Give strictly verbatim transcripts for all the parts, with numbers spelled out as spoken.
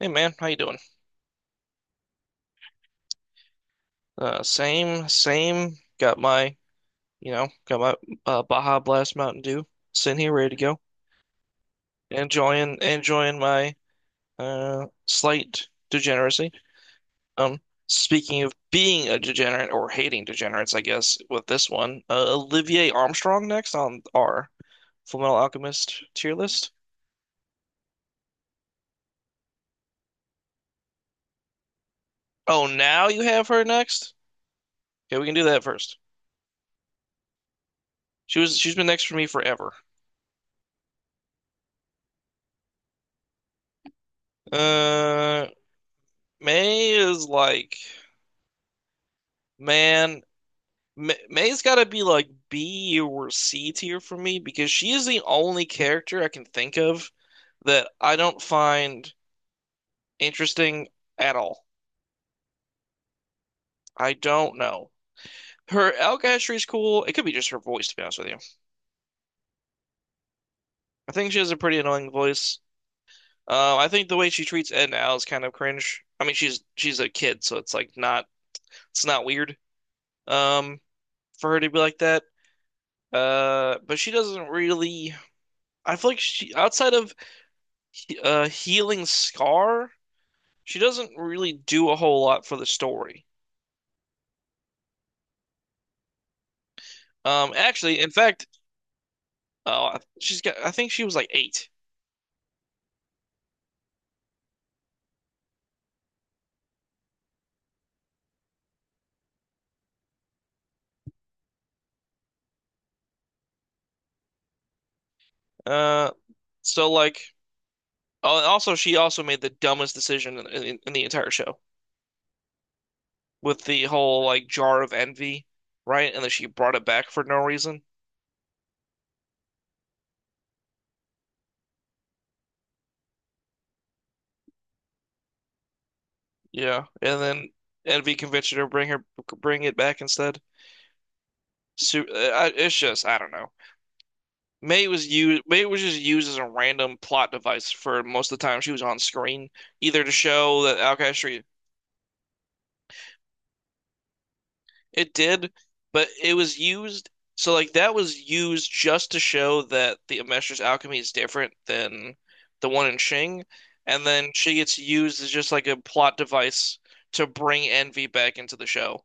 Hey man, how you doing? Uh, same, same. Got my, you know, got my uh, Baja Blast Mountain Dew sitting here ready to go. Enjoying, enjoying my uh slight degeneracy. Um, speaking of being a degenerate or hating degenerates, I guess with this one, uh, Olivier Armstrong next on our Full Metal Alchemist tier list. Oh, now you have her next? Okay, we can do that first. She was, she's been next for me forever. Uh, May is like. Man, May, May's got to be like B or C tier for me because she is the only character I can think of that I don't find interesting at all. I don't know. Her Alcatraz is cool. It could be just her voice, to be honest with you. I think she has a pretty annoying voice. Uh, I think the way she treats Ed and Al is kind of cringe. I mean, she's she's a kid, so it's like not it's not weird um for her to be like that. Uh, but she doesn't really. I feel like she outside of he- uh, healing Scar. She doesn't really do a whole lot for the story. Um, actually, in fact, oh, she's got. I think she was like eight. Uh, so like, oh, and also she also made the dumbest decision in, in, in the entire show with the whole like jar of envy, right? And then she brought it back for no reason. Yeah, and then envy convinced her to bring her bring it back instead. So, uh, it's just I don't know. May was used. May was just used as a random plot device for most of the time she was on screen, either to show that Alcatraz it did, but it was used. So like that was used just to show that the Amesh's alchemy is different than the one in Shing, and then she gets used as just like a plot device to bring Envy back into the show.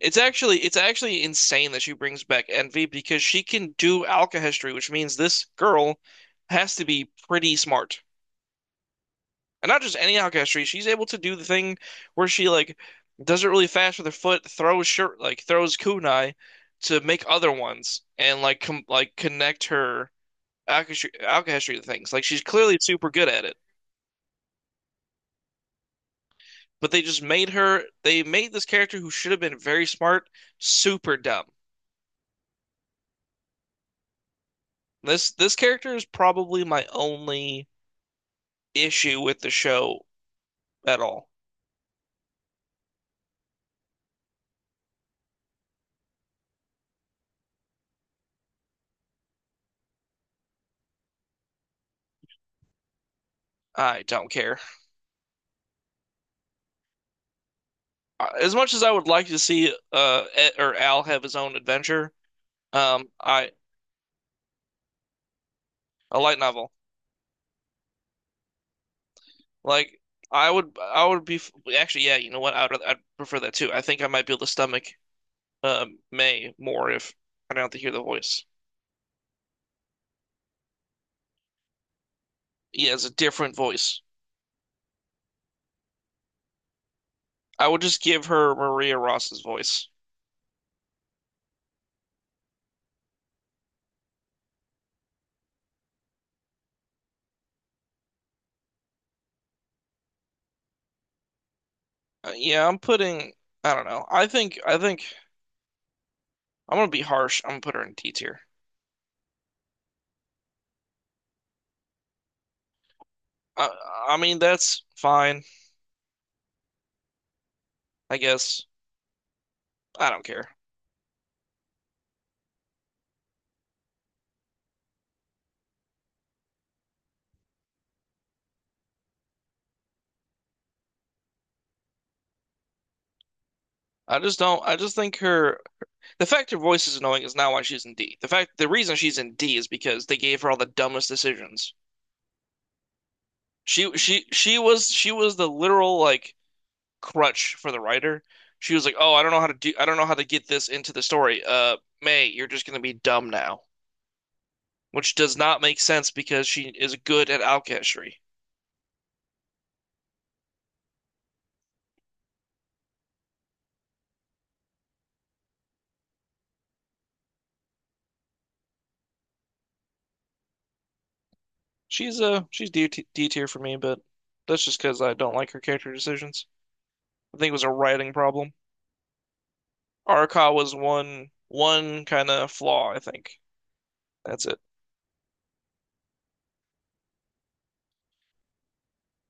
It's actually it's actually insane that she brings back Envy because she can do alchemy, which means this girl has to be pretty smart. And not just any outcastry, she's able to do the thing where she like does it really fast with her foot, throws shirt like throws kunai to make other ones and like com like connect her outcastry, outcastry to things. Like she's clearly super good at it. But they just made her they made this character who should have been very smart super dumb. This this character is probably my only issue with the show at all. I don't care. Uh, As much as I would like to see uh Ed, or Al have his own adventure, Um, I a light novel. Like I would, I would be actually, yeah. You know what? I'd rather- I'd prefer that too. I think I might be able to stomach um May more if I don't have to hear the voice. Yeah, it's a different voice. I would just give her Maria Ross's voice. Uh, yeah, I'm putting. I don't know. I think I think I'm gonna be harsh. I'm gonna put her in D tier. I I mean that's fine. I guess I don't care. I just don't. I just think her The fact her voice is annoying is not why she's in D. The fact the reason she's in D is because they gave her all the dumbest decisions. She she she was she was the literal like crutch for the writer. She was like, "Oh, I don't know how to do I don't know how to get this into the story. Uh, May, you're just gonna be dumb now." Which does not make sense because she is good at alchemy. She's a uh she's D, D tier for me, but that's just because I don't like her character decisions. I think it was a writing problem. Arca was one one kind of flaw, I think. That's it.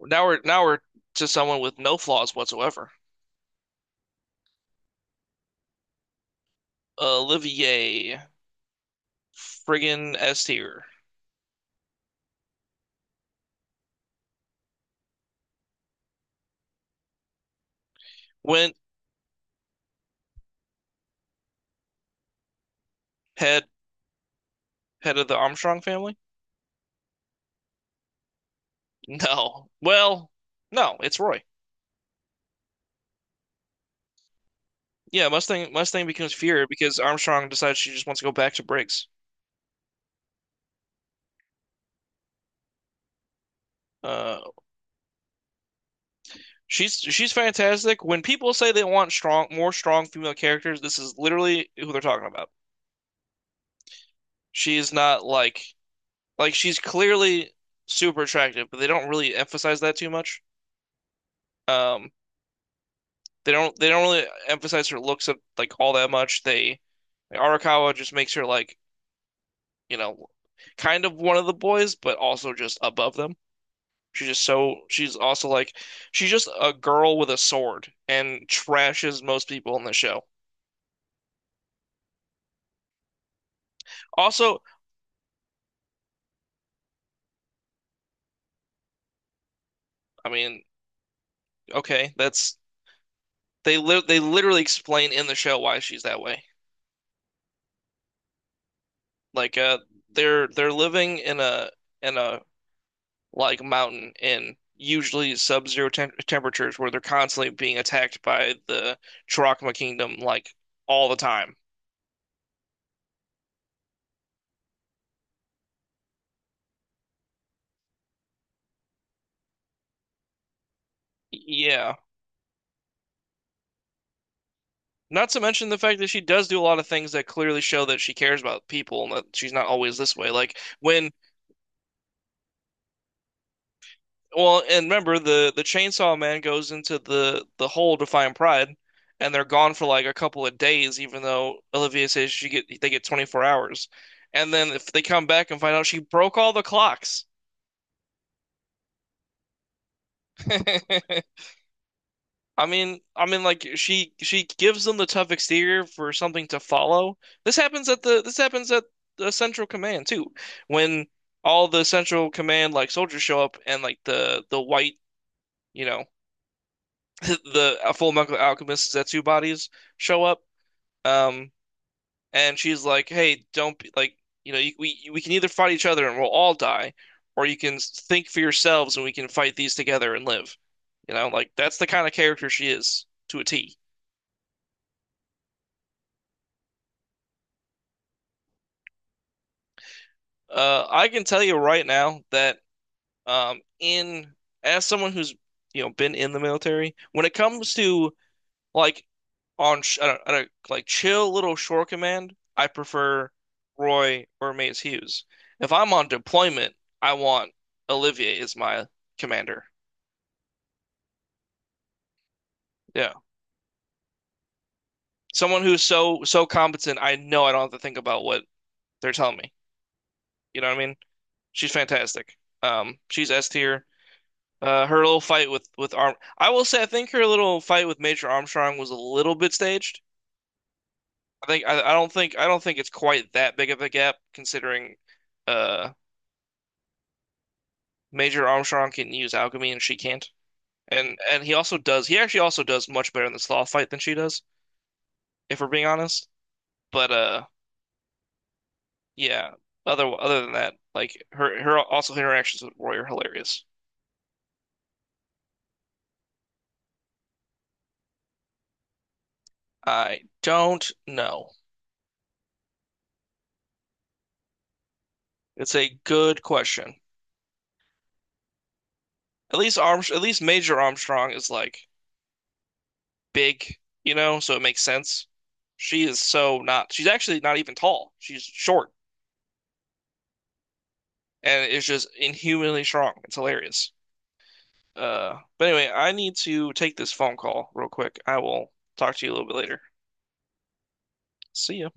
Now we're now we're to someone with no flaws whatsoever. Olivier, friggin' S tier. Went head head of the Armstrong family? No. Well, no, it's Roy. Yeah, Mustang Mustang becomes Fury because Armstrong decides she just wants to go back to Briggs. Uh, she's she's fantastic. When people say they want strong, more strong female characters, this is literally who they're talking about. She is not like like she's clearly super attractive, but they don't really emphasize that too much. Um, They don't they don't really emphasize her looks of like all that much. They like, Arakawa just makes her like, you know, kind of one of the boys, but also just above them. She's just so she's also like she's just a girl with a sword and trashes most people in the show. Also, I mean, okay, that's they li they literally explain in the show why she's that way. Like uh they're they're living in a in a like mountain in usually sub-zero tem temperatures where they're constantly being attacked by the Chiracma Kingdom like all the time. Yeah. Not to mention the fact that she does do a lot of things that clearly show that she cares about people and that she's not always this way. Like when, well, and remember the the chainsaw man goes into the the hole to find Pride, and they're gone for like a couple of days, even though Olivia says she get they get twenty-four hours. And then if they come back and find out she broke all the clocks. I mean, I mean, like she she gives them the tough exterior for something to follow. This happens at the this happens at the Central Command too, when all the Central Command like soldiers show up and like the the white you know the uh, Full Metal Alchemist Zetsu bodies show up. Um, and she's like, "Hey, don't be like you know you, we we can either fight each other and we'll all die, or you can think for yourselves and we can fight these together and live." You know, like that's the kind of character she is to a T. Uh, I can tell you right now that um, in as someone who's you know been in the military, when it comes to like on sh I don't, I don't, like chill little shore command, I prefer Roy or Mace Hughes. If I'm on deployment, I want Olivier as my commander. Yeah, someone who's so so competent, I know I don't have to think about what they're telling me. You know what I mean? She's fantastic. Um, she's S tier. Uh, her little fight with with Arm, I will say, I think her little fight with Major Armstrong was a little bit staged. I think I, I don't think I don't think it's quite that big of a gap considering uh Major Armstrong can use alchemy and she can't. And and he also does. He actually also does much better in the Sloth fight than she does, if we're being honest. But uh, yeah. Other other than that, like her her also her interactions with Roy are hilarious. I don't know. It's a good question. At least Armstrong, at least Major Armstrong is like big, you know, so it makes sense. She is so not, she's actually not even tall. She's short and is just inhumanly strong. It's hilarious. Uh, but anyway, I need to take this phone call real quick. I will talk to you a little bit later. See ya.